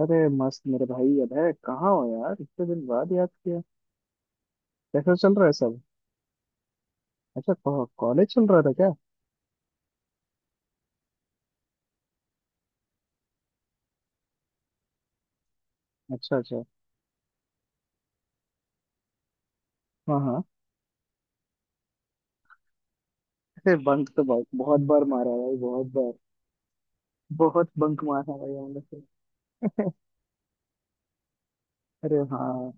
अरे मस्त मेरे भाई। अब है कहाँ हो यार, इतने दिन बाद याद किया। कैसा चल रहा है सब? अच्छा कॉलेज चल रहा था क्या? अच्छा अच्छा। हाँ हाँ। अरे बंक तो बहुत बहुत बार मारा है भाई, बहुत बार। बहुत बंक मारा है भाई हमने तो। अरे हाँ।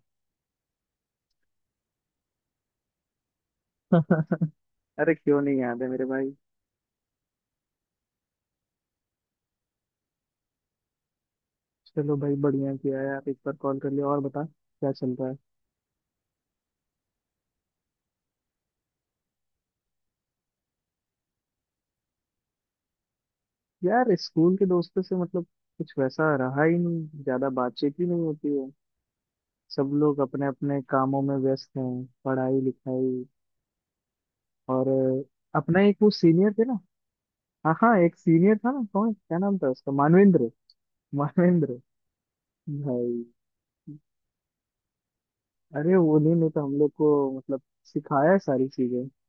अरे क्यों नहीं याद है मेरे भाई। चलो भाई बढ़िया किया यार, एक बार कॉल कर लिया। और बता क्या चल रहा है? यार स्कूल के दोस्तों से मतलब कुछ वैसा रहा ही नहीं, ज्यादा बातचीत ही नहीं होती है। सब लोग अपने अपने कामों में व्यस्त हैं, पढ़ाई लिखाई। और अपना एक वो सीनियर थे ना। हाँ हाँ, एक सीनियर था ना, कौन क्या नाम था उसका, मानवेंद्र। मानवेंद्र भाई। अरे वो दिन तो हम लोग को मतलब सिखाया है सारी चीजें।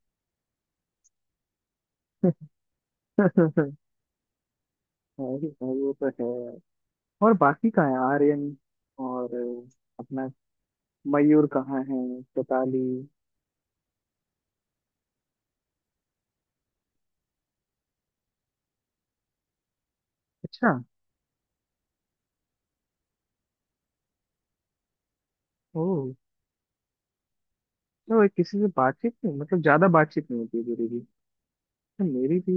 भाई भाई वो तो है। और बाकी कहाँ है आर्यन? और अपना मयूर कहाँ है, कताली? अच्छा। ओ। तो किसी से बातचीत नहीं मतलब ज्यादा बातचीत नहीं होती है मेरी भी। तो मेरी भी।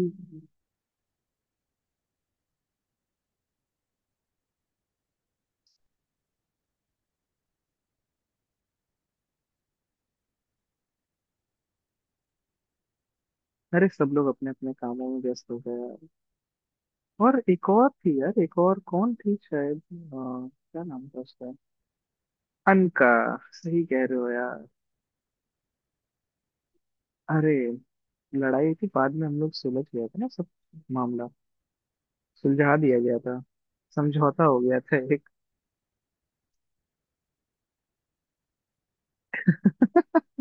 अरे सब लोग अपने अपने कामों में व्यस्त हो गए। और एक और थी यार, एक और कौन थी, शायद क्या नाम था उसका, अनका। सही कह रहे हो यार। अरे लड़ाई थी, बाद में हम लोग सुलझ गया था ना सब। मामला सुलझा दिया गया था। समझौता हो गया था एक।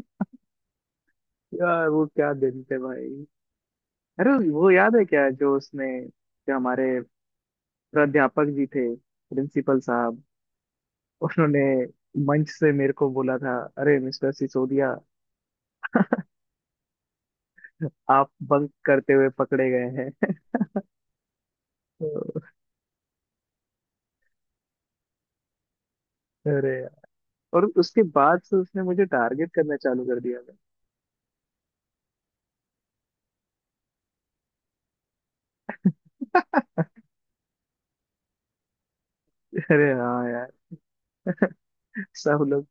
यार वो क्या दिन थे भाई। अरे वो याद है क्या जो उसने, जो हमारे प्राध्यापक जी थे, प्रिंसिपल साहब, उन्होंने मंच से मेरे को बोला था, अरे मिस्टर सिसोदिया, आप बंक करते हुए पकड़े गए हैं। अरे यार। और उसके बाद से उसने मुझे टारगेट करना चालू कर दिया था। अरे हाँ यार, सब लोग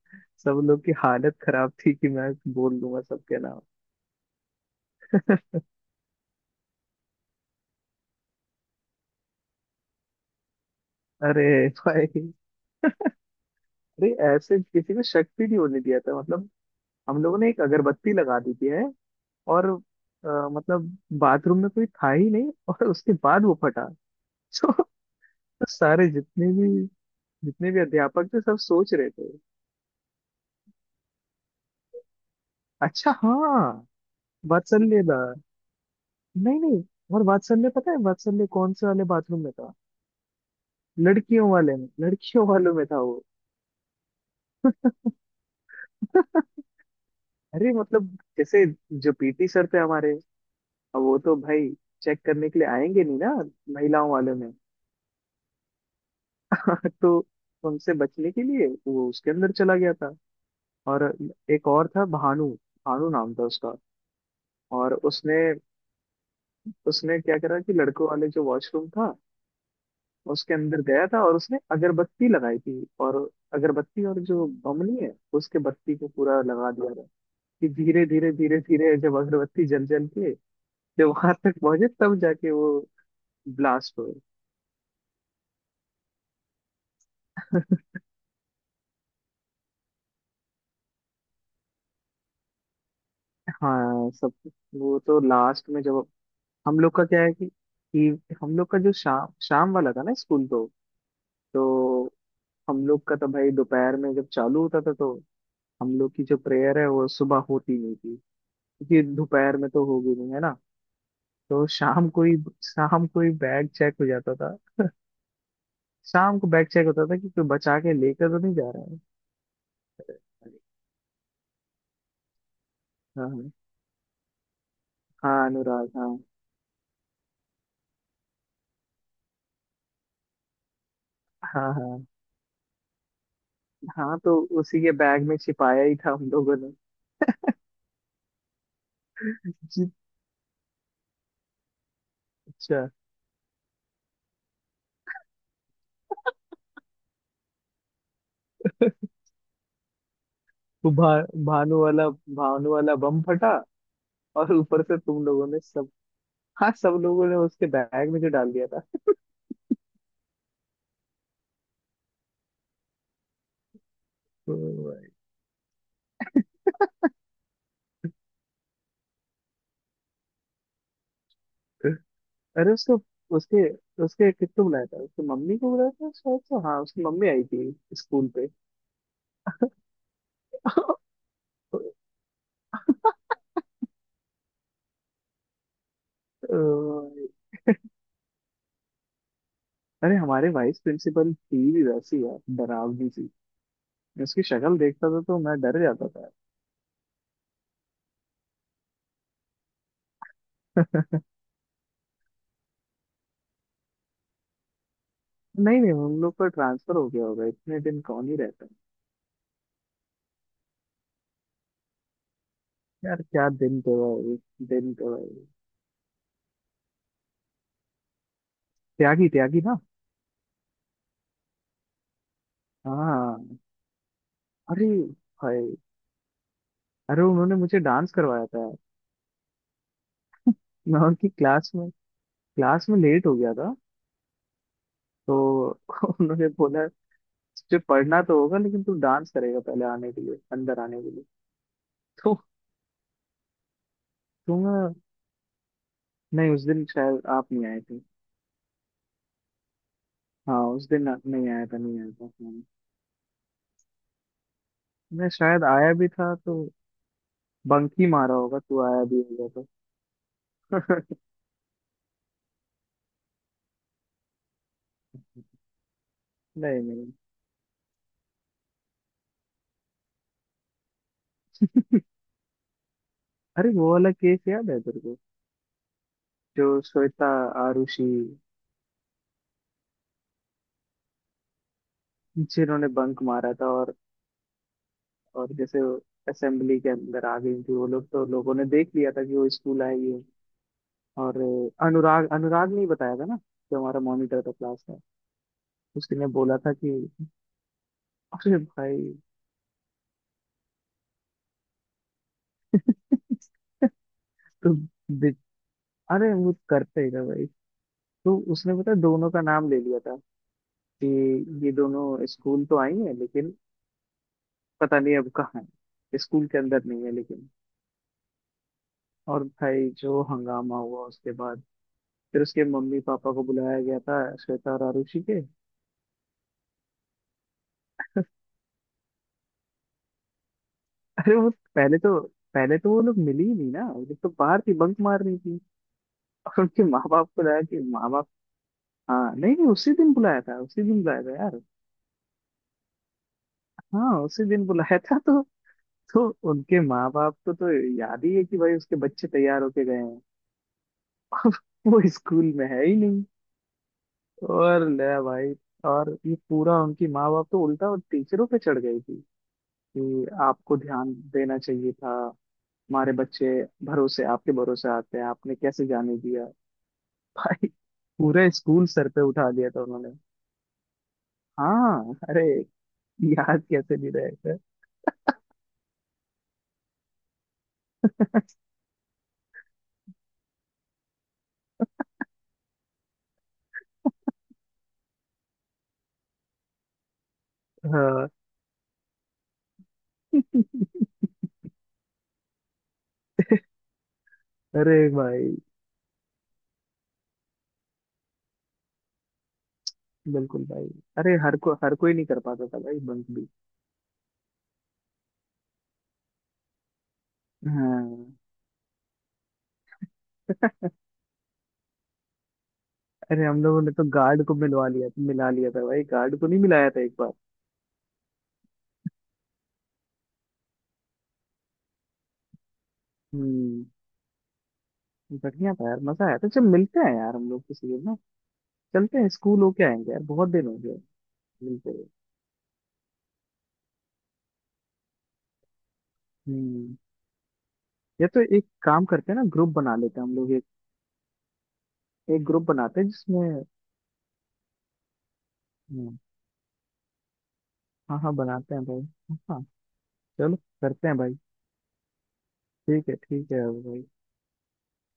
सब लोग की हालत खराब थी कि मैं बोल दूंगा सबके नाम। अरे भाई। अरे ऐसे किसी को शक भी नहीं होने दिया था मतलब, हम लोगों ने एक अगरबत्ती लगा दी थी है। और मतलब बाथरूम में कोई था ही नहीं और उसके बाद वो फटा। तो सारे जितने भी अध्यापक थे सब सोच रहे थे। अच्छा हाँ। वात्सल्य दा। नहीं नहीं। और वात्सल ने पता है वात्सल ने कौन से वाले बाथरूम में था? लड़कियों वाले में, लड़कियों वालों में था वो। अरे मतलब जैसे जो पीटी सर थे हमारे, अब वो तो भाई चेक करने के लिए आएंगे नहीं ना, महिलाओं वाले में। तो उनसे बचने के लिए वो उसके अंदर चला गया था। और एक और था भानु, भानु नाम था उसका। और उसने उसने क्या करा कि लड़कों वाले जो वॉशरूम था उसके अंदर गया था, और उसने अगरबत्ती लगाई थी, और अगरबत्ती और जो बम नहीं है उसके बत्ती को पूरा लगा दिया था कि धीरे धीरे धीरे धीरे जब अगरबत्ती जल जल के जब वहां तक पहुंचे तब जाके वो ब्लास्ट हुए। हाँ सब। वो तो लास्ट में जब, हम लोग का क्या है कि हम लोग का जो शाम शाम वाला था ना स्कूल, तो हम लोग का तो भाई दोपहर में जब चालू होता था तो हम लोग की जो प्रेयर है वो सुबह होती नहीं थी। क्योंकि दोपहर में तो होगी नहीं है ना। तो शाम को ही, शाम को ही बैग चेक हो जाता था। शाम को बैग चेक होता था कि कोई बचा के लेकर तो नहीं जा रहा है। हाँ हाँ। हाँ, अनुराग, हाँ हाँ हाँ हाँ। तो उसी के बैग में छिपाया ही था हम लोगों ने। जी। अच्छा। वो भानु वाला, भानु वाला बम फटा। और ऊपर से तुम लोगों ने सब, हाँ सब लोगों ने उसके बैग में जो डाल दिया था। ओ भाई। अरे उसको, उसके, उसके किसको बुलाया था, उसकी मम्मी को बुलाया था शायद से, हाँ उसकी मम्मी आई थी स्कूल पे। अ, अरे हमारे वाइस प्रिंसिपल थी भी वैसी है डरावनी सी। मैं उसकी शक्ल देखता था तो मैं डर जाता था। नहीं नहीं, हम लोग का ट्रांसफर हो गया होगा, इतने दिन कौन ही रहता है। यार क्या दिन थे भाई, दिन थे भाई। त्यागी त्यागी ना। हाँ। अरे भाई। अरे उन्होंने मुझे डांस करवाया था। मैं उनकी क्लास में लेट हो गया था, तो उन्होंने बोला, तुझे पढ़ना तो होगा लेकिन तू डांस करेगा पहले, आने के लिए, अंदर आने के लिए। तो तो नहीं उस दिन शायद आप नहीं आए थे। हाँ उस दिन आप नहीं आया था, नहीं आया था हाँ। मैं शायद आया भी था तो बंक ही मारा होगा, तू आया भी होगा तो। नहीं नहीं। अरे वो वाला केस याद है तेरे को, जो श्वेता, आरुषि जिन्होंने बंक मारा था, और जैसे असेंबली के अंदर आ गई थी वो लोग, तो लोगों ने देख लिया था कि वो स्कूल आई है। और अनुराग, अनुराग ने ही बताया था ना, जो हमारा मॉनिटर था क्लास का। उसने बोला था कि अरे भाई तो बि- अरे वो करते ही था भाई। तो उसने पता है दोनों का नाम ले लिया था, कि ये दोनों स्कूल तो आई है लेकिन पता नहीं अब कहाँ है, स्कूल के अंदर नहीं है लेकिन। और भाई जो हंगामा हुआ उसके बाद, फिर उसके मम्मी पापा को बुलाया गया था श्वेता और आरुषि के। अरे वो पहले तो पहले तो वो लोग मिली ही नहीं ना, वो लोग तो बाहर थी बंक मार रही थी। और उनके माँ बाप को लाया कि माँ बाप, हाँ नहीं नहीं, उसी दिन बुलाया था, उसी दिन बुलाया था यार। हाँ उसी दिन बुलाया था, तो उनके माँ बाप को तो याद ही है कि भाई उसके बच्चे तैयार होके गए हैं, वो स्कूल में है ही नहीं। और ले भाई। और ये पूरा उनकी माँ बाप तो उल्टा और टीचरों पे चढ़ गई थी कि आपको ध्यान देना चाहिए था, हमारे बच्चे भरोसे, आपके भरोसे आते हैं, आपने कैसे जाने दिया भाई। पूरा स्कूल सर पे उठा दिया था उन्होंने। हाँ अरे। याद कैसे नहीं रहेगा। हाँ। अरे भाई। बिल्कुल भाई। अरे हर कोई नहीं कर पाता था भाई, बंक भी। हाँ। अरे हम लोगों ने तो गार्ड को मिलवा लिया मिला लिया था भाई, गार्ड को नहीं मिलाया था एक बार। हम्म। बढ़िया था यार मजा आया था। चल मिलते हैं यार हम लोग किसी दिन ना, चलते हैं स्कूल होके आएंगे यार, बहुत दिन हो गए। मिलते हुए। हम्म। या तो एक काम करते हैं ना, ग्रुप बना लेते हैं हम लोग एक, एक ग्रुप बनाते हैं जिसमें। हम्म। हाँ हाँ, बनाते हैं भाई। हाँ। चलो। करते हैं भाई। ठीक है भाई।